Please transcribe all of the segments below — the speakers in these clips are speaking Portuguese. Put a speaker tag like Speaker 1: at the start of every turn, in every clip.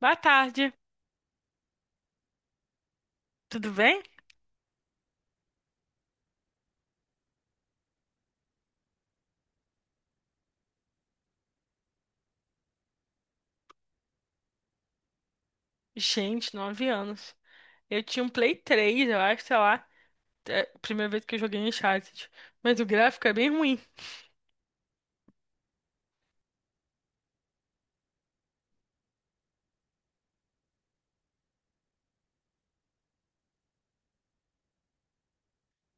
Speaker 1: Boa tarde, tudo bem? Gente, 9 anos. Eu tinha um Play 3, eu acho, sei lá. É a primeira vez que eu joguei Uncharted. Mas o gráfico é bem ruim.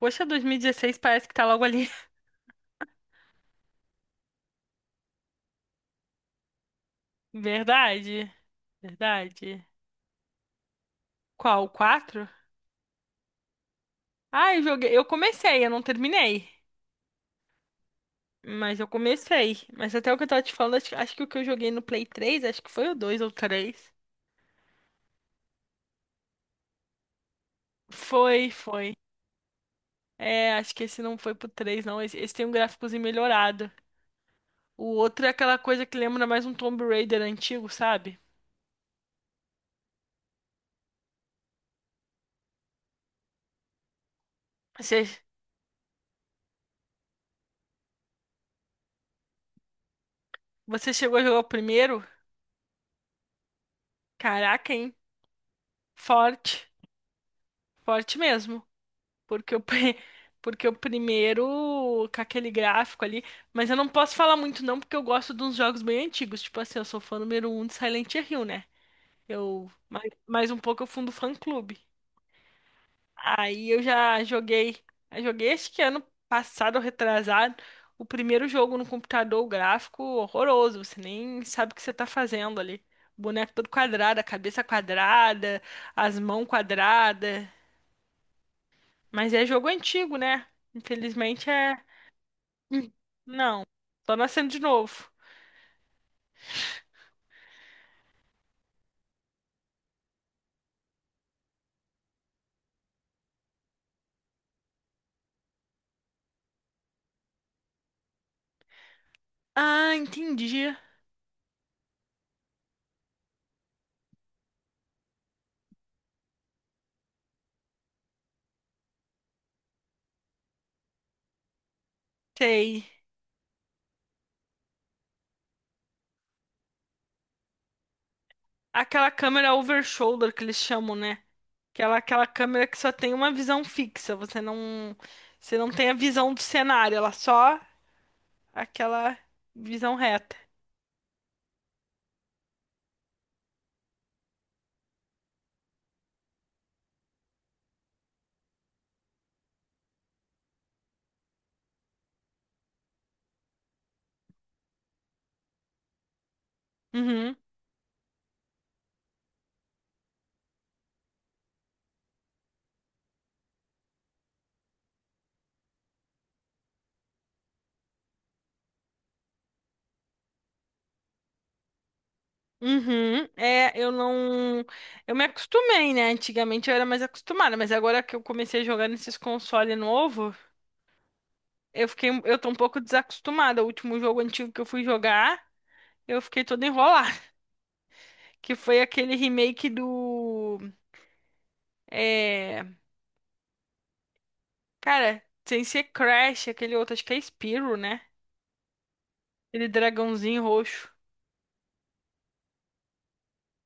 Speaker 1: Poxa, 2016 parece que tá logo ali. Verdade, verdade. Qual, o 4? Ah, eu joguei. Eu comecei, eu não terminei. Mas eu comecei. Mas até o que eu tava te falando, acho que o que eu joguei no Play 3, acho que foi o 2 ou o 3. Foi, foi. É, acho que esse não foi pro 3, não. Esse tem um gráficozinho melhorado. O outro é aquela coisa que lembra mais um Tomb Raider antigo, sabe? Você, você chegou a jogar o primeiro? Caraca, hein? Forte. Forte mesmo. Porque o, pri- Porque o primeiro, com aquele gráfico ali. Mas eu não posso falar muito, não, porque eu gosto de uns jogos bem antigos. Tipo assim, eu sou fã número um de Silent Hill, né? Eu, mais um pouco eu fundo fã-clube. Aí eu já joguei, eu joguei acho que ano passado ou retrasado, o primeiro jogo no computador, o gráfico horroroso, você nem sabe o que você tá fazendo ali. O boneco todo quadrado, a cabeça quadrada, as mãos quadradas. Mas é jogo antigo, né? Infelizmente é. Não, tô nascendo de novo. Ah, entendi. Sei. Aquela câmera over shoulder que eles chamam, né? Aquela câmera que só tem uma visão fixa, você não tem a visão do cenário, ela só aquela visão reta. Uhum, uhum. É, eu não, eu me acostumei, né? Antigamente eu era mais acostumada, mas agora que eu comecei a jogar nesses consoles novo, eu fiquei, eu tô um pouco desacostumada. O último jogo antigo que eu fui jogar, eu fiquei toda enrolada, que foi aquele remake do, é, cara, sem ser Crash, aquele outro, acho que é Spyro, né? Ele dragãozinho roxo.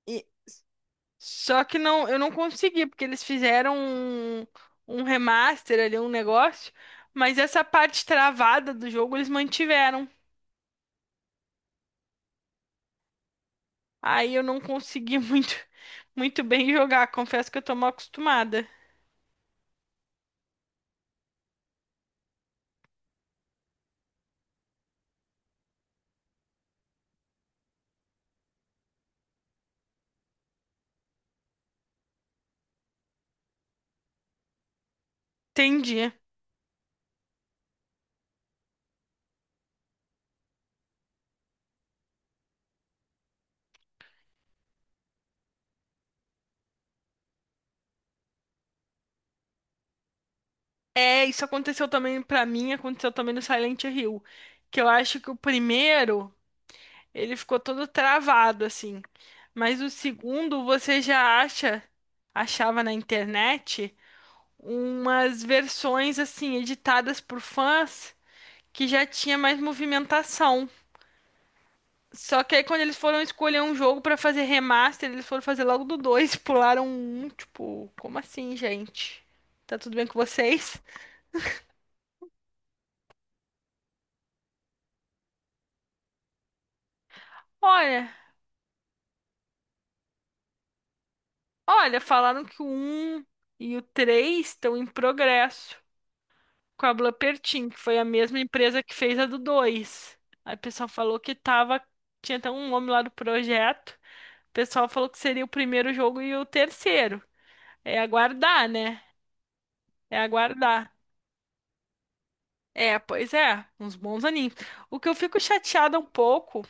Speaker 1: E só que não, eu não consegui, porque eles fizeram um remaster ali, um negócio, mas essa parte travada do jogo eles mantiveram. Aí eu não consegui muito, muito bem jogar, confesso que eu tô mal acostumada. Entendi. É, isso aconteceu também pra mim, aconteceu também no Silent Hill, que eu acho que o primeiro, ele ficou todo travado assim, mas o segundo você já acha, achava na internet umas versões assim editadas por fãs que já tinha mais movimentação. Só que aí quando eles foram escolher um jogo pra fazer remaster, eles foram fazer logo do dois, pularam um, tipo, como assim, gente? Tá tudo bem com vocês? Olha, olha, falaram que o um e o 3 estão em progresso com a Blooperteam, que foi a mesma empresa que fez a do dois. Aí o pessoal falou que tava, tinha até um nome lá do projeto. O pessoal falou que seria o primeiro jogo e o terceiro. É aguardar, né? É aguardar. É, pois é, uns bons aninhos. O que eu fico chateada um pouco,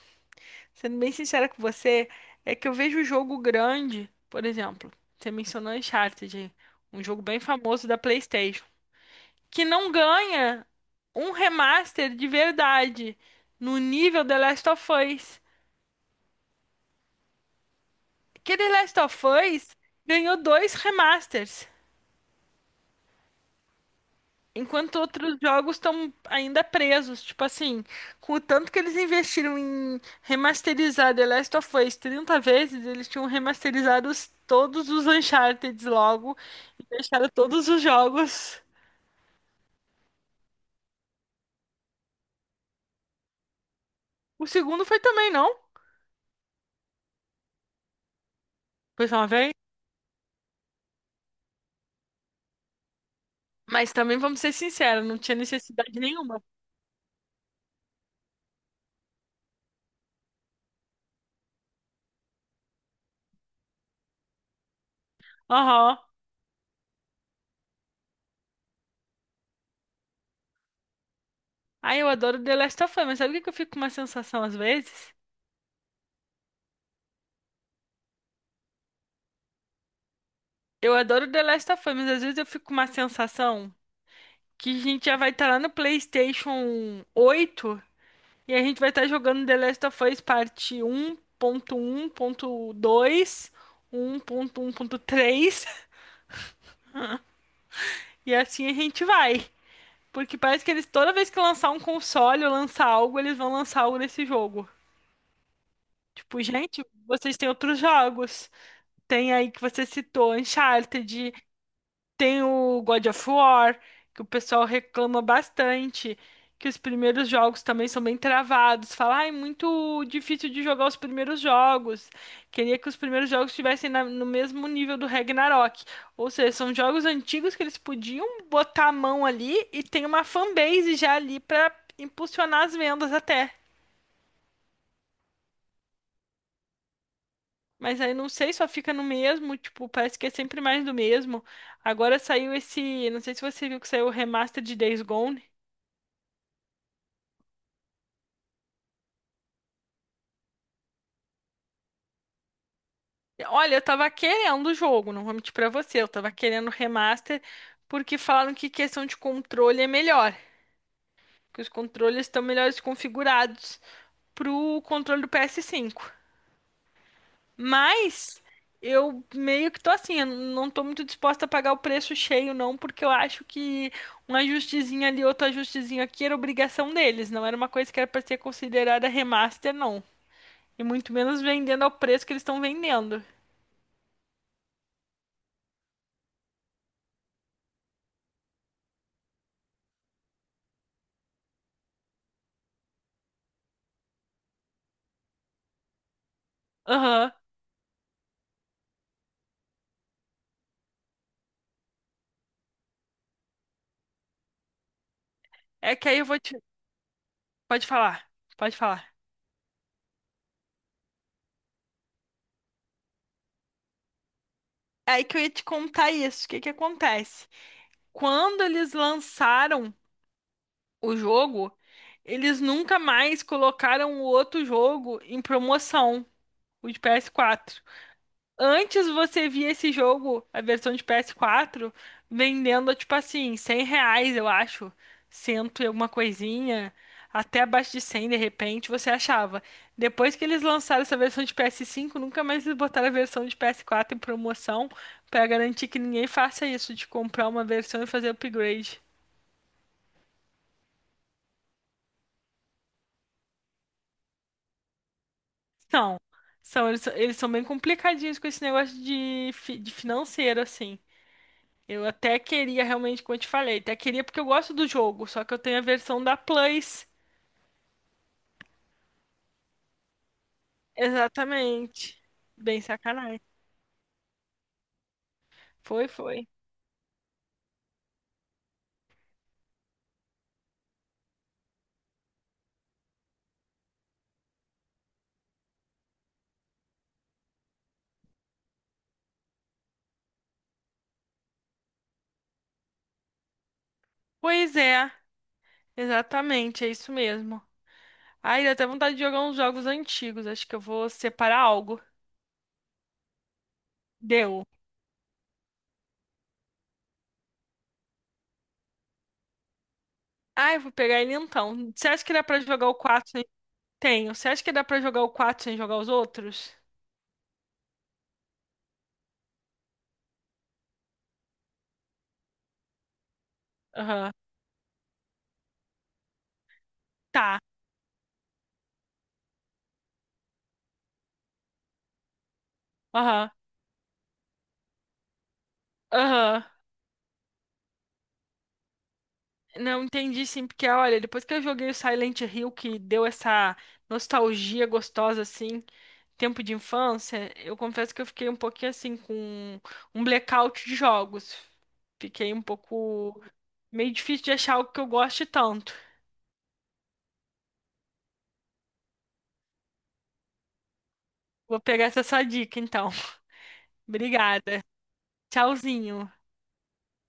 Speaker 1: sendo bem sincera com você, é que eu vejo o jogo grande, por exemplo, você mencionou Uncharted, aí, um jogo bem famoso da PlayStation, que não ganha um remaster de verdade no nível The Last of Us. Aquele Last of Us ganhou dois remasters. Enquanto outros jogos estão ainda presos, tipo assim, com o tanto que eles investiram em remasterizar The Last of Us 30 vezes, eles tinham remasterizado todos os Uncharted logo e deixaram todos os jogos. O segundo foi também, não? Foi só uma vez? Mas também, vamos ser sinceros, não tinha necessidade nenhuma. Aham. Ai, eu adoro The Last of Us, mas sabe o que que eu fico com uma sensação às vezes? Eu adoro The Last of Us, mas às vezes eu fico com uma sensação. Que a gente já vai estar lá no PlayStation 8 e a gente vai estar jogando The Last of Us parte um um um um ponto ponto ponto dois ponto três, e assim a gente vai. Porque parece que eles toda vez que lançar um console ou lançar algo, eles vão lançar algo desse jogo. Tipo, gente, vocês têm outros jogos. Tem aí que você citou, Uncharted. Tem o God of War, que o pessoal reclama bastante, que os primeiros jogos também são bem travados. Fala, ah, é muito difícil de jogar os primeiros jogos. Queria que os primeiros jogos estivessem no mesmo nível do Ragnarok. Ou seja, são jogos antigos que eles podiam botar a mão ali e tem uma fanbase já ali pra impulsionar as vendas até. Mas aí não sei, só fica no mesmo, tipo, parece que é sempre mais do mesmo. Agora saiu esse, não sei se você viu que saiu o remaster de Days Gone. Olha, eu tava querendo o jogo, não vou mentir pra você. Eu tava querendo o remaster porque falam que questão de controle é melhor. Que os controles estão melhores configurados pro controle do PS5. Mas eu meio que tô assim, eu não tô muito disposta a pagar o preço cheio, não, porque eu acho que um ajustezinho ali, outro ajustezinho aqui era obrigação deles. Não era uma coisa que era pra ser considerada remaster, não. E muito menos vendendo ao preço que eles estão vendendo. Aham. É que aí eu vou te... Pode falar, pode falar. É aí que eu ia te contar isso. O que que acontece? Quando eles lançaram o jogo, eles nunca mais colocaram o outro jogo em promoção, o de PS4. Antes você via esse jogo, a versão de PS4, vendendo, tipo assim, 100 reais, eu acho. Cento e alguma coisinha. Até abaixo de 100 de repente, você achava. Depois que eles lançaram essa versão de PS5, nunca mais eles botaram a versão de PS4 em promoção pra garantir que ninguém faça isso, de comprar uma versão e fazer upgrade. São. São, eles, eles são bem complicadinhos com esse negócio de, de financeiro, assim. Eu até queria realmente, como eu te falei, até queria porque eu gosto do jogo, só que eu tenho a versão da Plus. Exatamente. Bem sacanagem. Foi, foi. Pois é, exatamente, é isso mesmo. Ai, deu até vontade de jogar uns jogos antigos. Acho que eu vou separar algo. Deu. Ai, vou pegar ele então. Você acha que dá pra jogar o quatro sem... Tenho. Você acha que dá pra jogar o 4 sem jogar os outros? Aham. Tá. Aham. Aham. Não entendi sim, porque olha, depois que eu joguei o Silent Hill, que deu essa nostalgia gostosa, assim, tempo de infância, eu confesso que eu fiquei um pouquinho assim, com um blackout de jogos. Fiquei um pouco meio difícil de achar algo que eu goste tanto. Vou pegar essa sua dica, então. Obrigada. Tchauzinho.